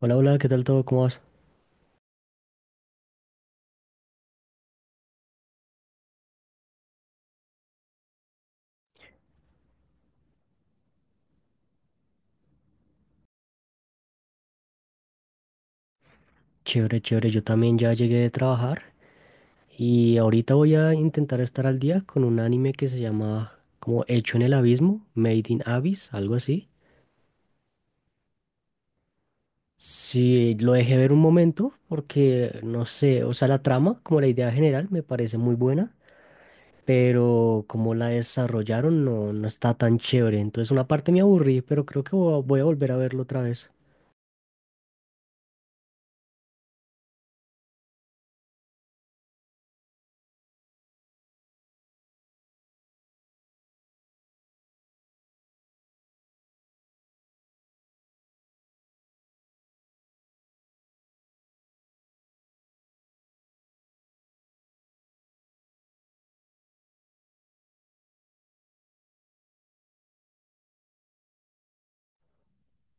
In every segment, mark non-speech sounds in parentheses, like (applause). Hola, hola, ¿qué tal todo? ¿Cómo vas? Chévere, chévere. Yo también ya llegué de trabajar y ahorita voy a intentar estar al día con un anime que se llama como Hecho en el Abismo, Made in Abyss, algo así. Sí, lo dejé ver un momento porque no sé, o sea, la trama, como la idea general, me parece muy buena, pero como la desarrollaron no, no está tan chévere. Entonces, una parte me aburrí, pero creo que voy a volver a verlo otra vez.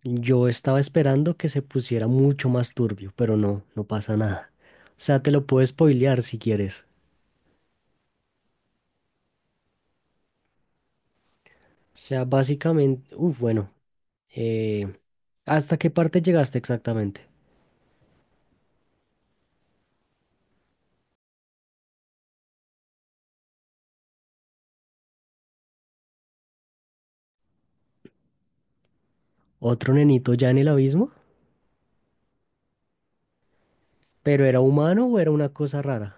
Yo estaba esperando que se pusiera mucho más turbio, pero no, no pasa nada. O sea, te lo puedo spoilear si quieres. O sea, básicamente, uff, bueno, eh, ¿hasta qué parte llegaste exactamente? ¿Otro nenito ya en el abismo? ¿Pero era humano o era una cosa rara?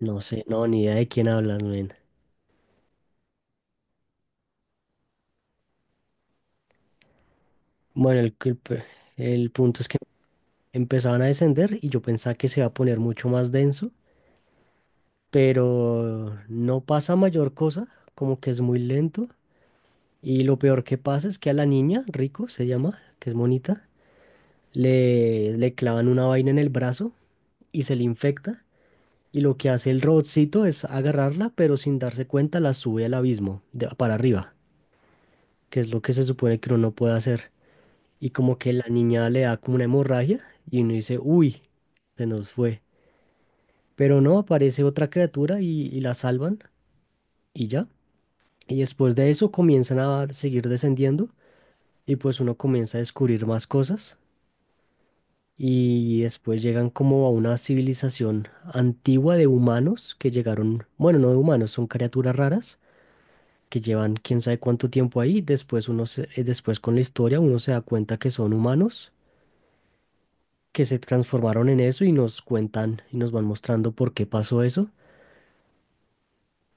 No sé, no, ni idea de quién hablas, men. Bueno, el punto es que empezaban a descender y yo pensaba que se iba a poner mucho más denso, pero no pasa mayor cosa, como que es muy lento. Y lo peor que pasa es que a la niña, Rico se llama, que es monita le clavan una vaina en el brazo y se le infecta. Y lo que hace el robotcito es agarrarla, pero sin darse cuenta la sube al abismo, para arriba, que es lo que se supone que uno no puede hacer. Y como que la niña le da como una hemorragia y uno dice, uy, se nos fue. Pero no, aparece otra criatura y la salvan y ya. Y después de eso comienzan a seguir descendiendo y pues uno comienza a descubrir más cosas. Y después llegan como a una civilización antigua de humanos que llegaron, bueno, no de humanos, son criaturas raras que llevan quién sabe cuánto tiempo ahí. Después uno después con la historia uno se da cuenta que son humanos que se transformaron en eso y nos cuentan y nos van mostrando por qué pasó eso.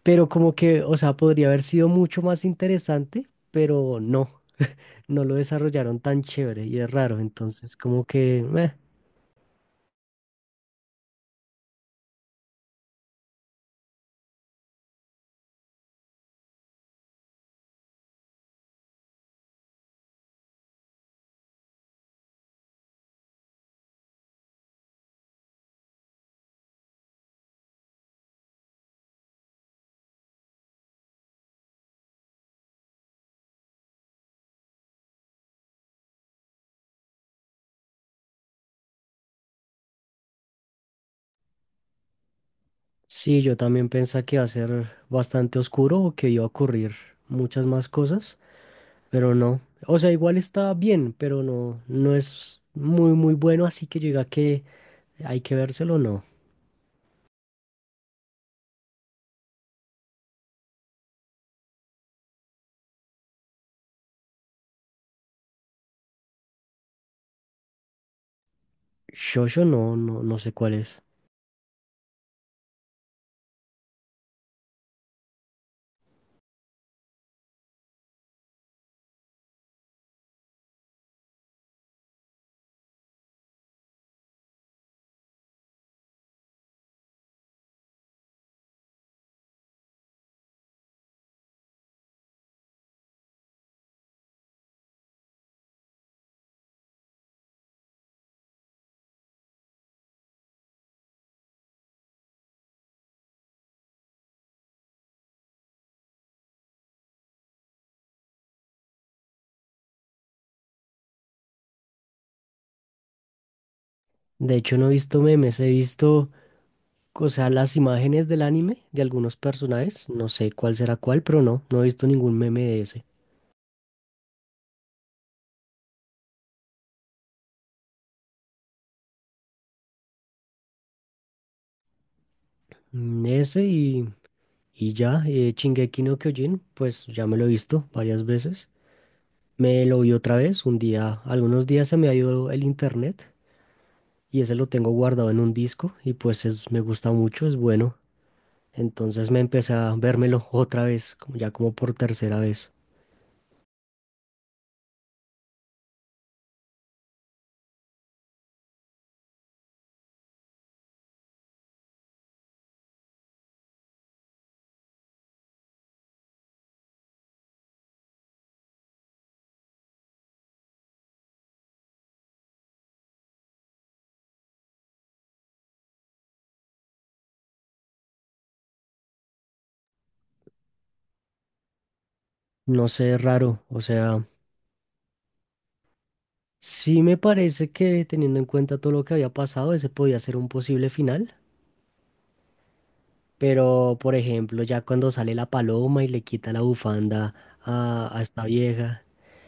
Pero como que, o sea, podría haber sido mucho más interesante, pero no, no lo desarrollaron tan chévere y es raro. Entonces, como que, meh. Sí, yo también pensé que iba a ser bastante oscuro o que iba a ocurrir muchas más cosas, pero no. O sea, igual está bien, pero no, no es muy, muy bueno, así que llega que hay que vérselo, no. Shosho no, no, no sé cuál es. De hecho, no he visto memes, he visto, o sea, las imágenes del anime de algunos personajes, no sé cuál será cuál, pero no, no he visto ningún meme de ese. Ese y ya, Shingeki no Kyojin, pues ya me lo he visto varias veces. Me lo vi otra vez, un día, algunos días se me ha ido el internet y ese lo tengo guardado en un disco y pues es, me gusta mucho, es bueno. Entonces me empecé a vérmelo otra vez, como ya como por tercera vez. No sé, raro, o sea, sí me parece que teniendo en cuenta todo lo que había pasado, ese podía ser un posible final, pero por ejemplo, ya cuando sale la paloma y le quita la bufanda a esta vieja.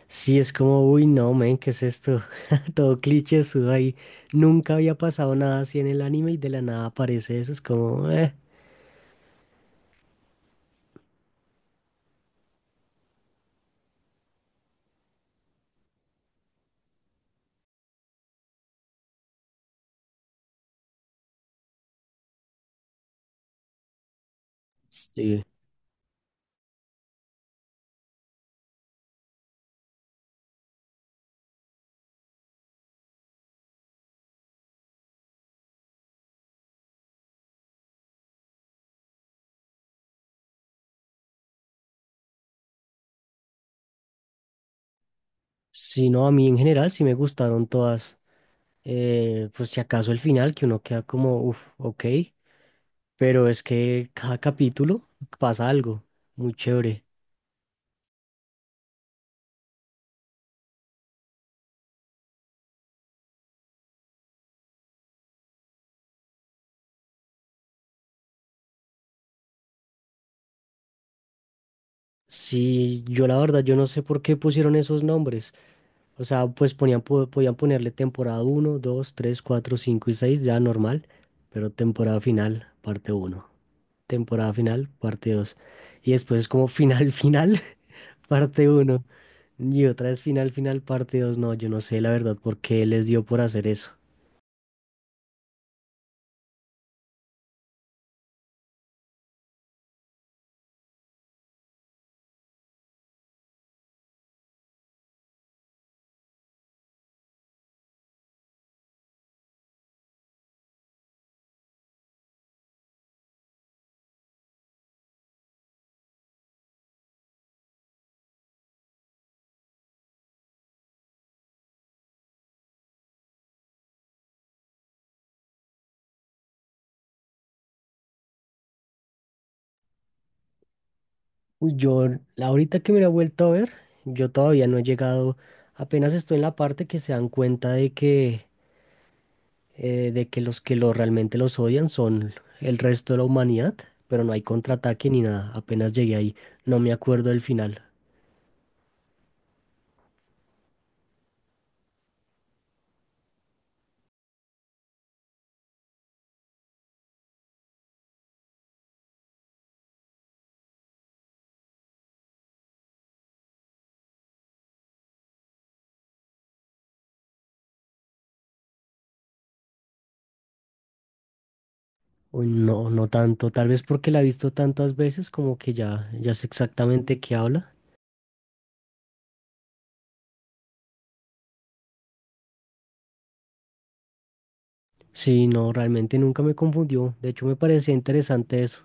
Sí, es como, uy, no, men, ¿qué es esto? (laughs) Todo cliché ahí. Nunca había pasado nada así en el anime y de la nada aparece eso. Es como. Sí. Sí, no, a mí en general sí me gustaron todas. Pues si acaso el final, que uno queda como, uff, ok. Pero es que cada capítulo pasa algo muy chévere. Sí, yo la verdad, yo no sé por qué pusieron esos nombres. O sea, pues ponían, podían ponerle temporada uno, 2, 3, 4, 5 y 6 ya normal, pero temporada final, parte uno, temporada final, parte dos. Y después es como final, (laughs) final, parte uno. Y otra vez final, final, parte 2. No, yo no sé la verdad por qué les dio por hacer eso. Uy, yo, ahorita que me la he vuelto a ver, yo todavía no he llegado, apenas estoy en la parte que se dan cuenta de que los que lo, realmente los odian son el resto de la humanidad, pero no hay contraataque ni nada. Apenas llegué ahí, no me acuerdo del final. Uy, no, no tanto, tal vez porque la he visto tantas veces como que ya, ya sé exactamente qué habla. Sí, no, realmente nunca me confundió. De hecho, me parecía interesante eso.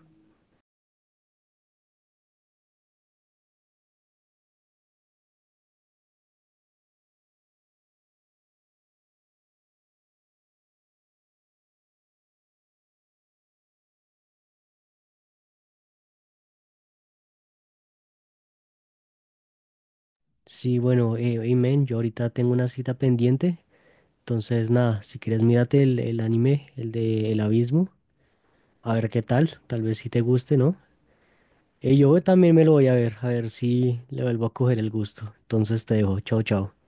Sí, bueno, y men, yo ahorita tengo una cita pendiente. Entonces, nada, si quieres mírate el anime, el de El Abismo, a ver qué tal. Tal vez si te guste, ¿no? Yo también me lo voy a ver si le vuelvo a coger el gusto. Entonces te dejo. Chao, chao.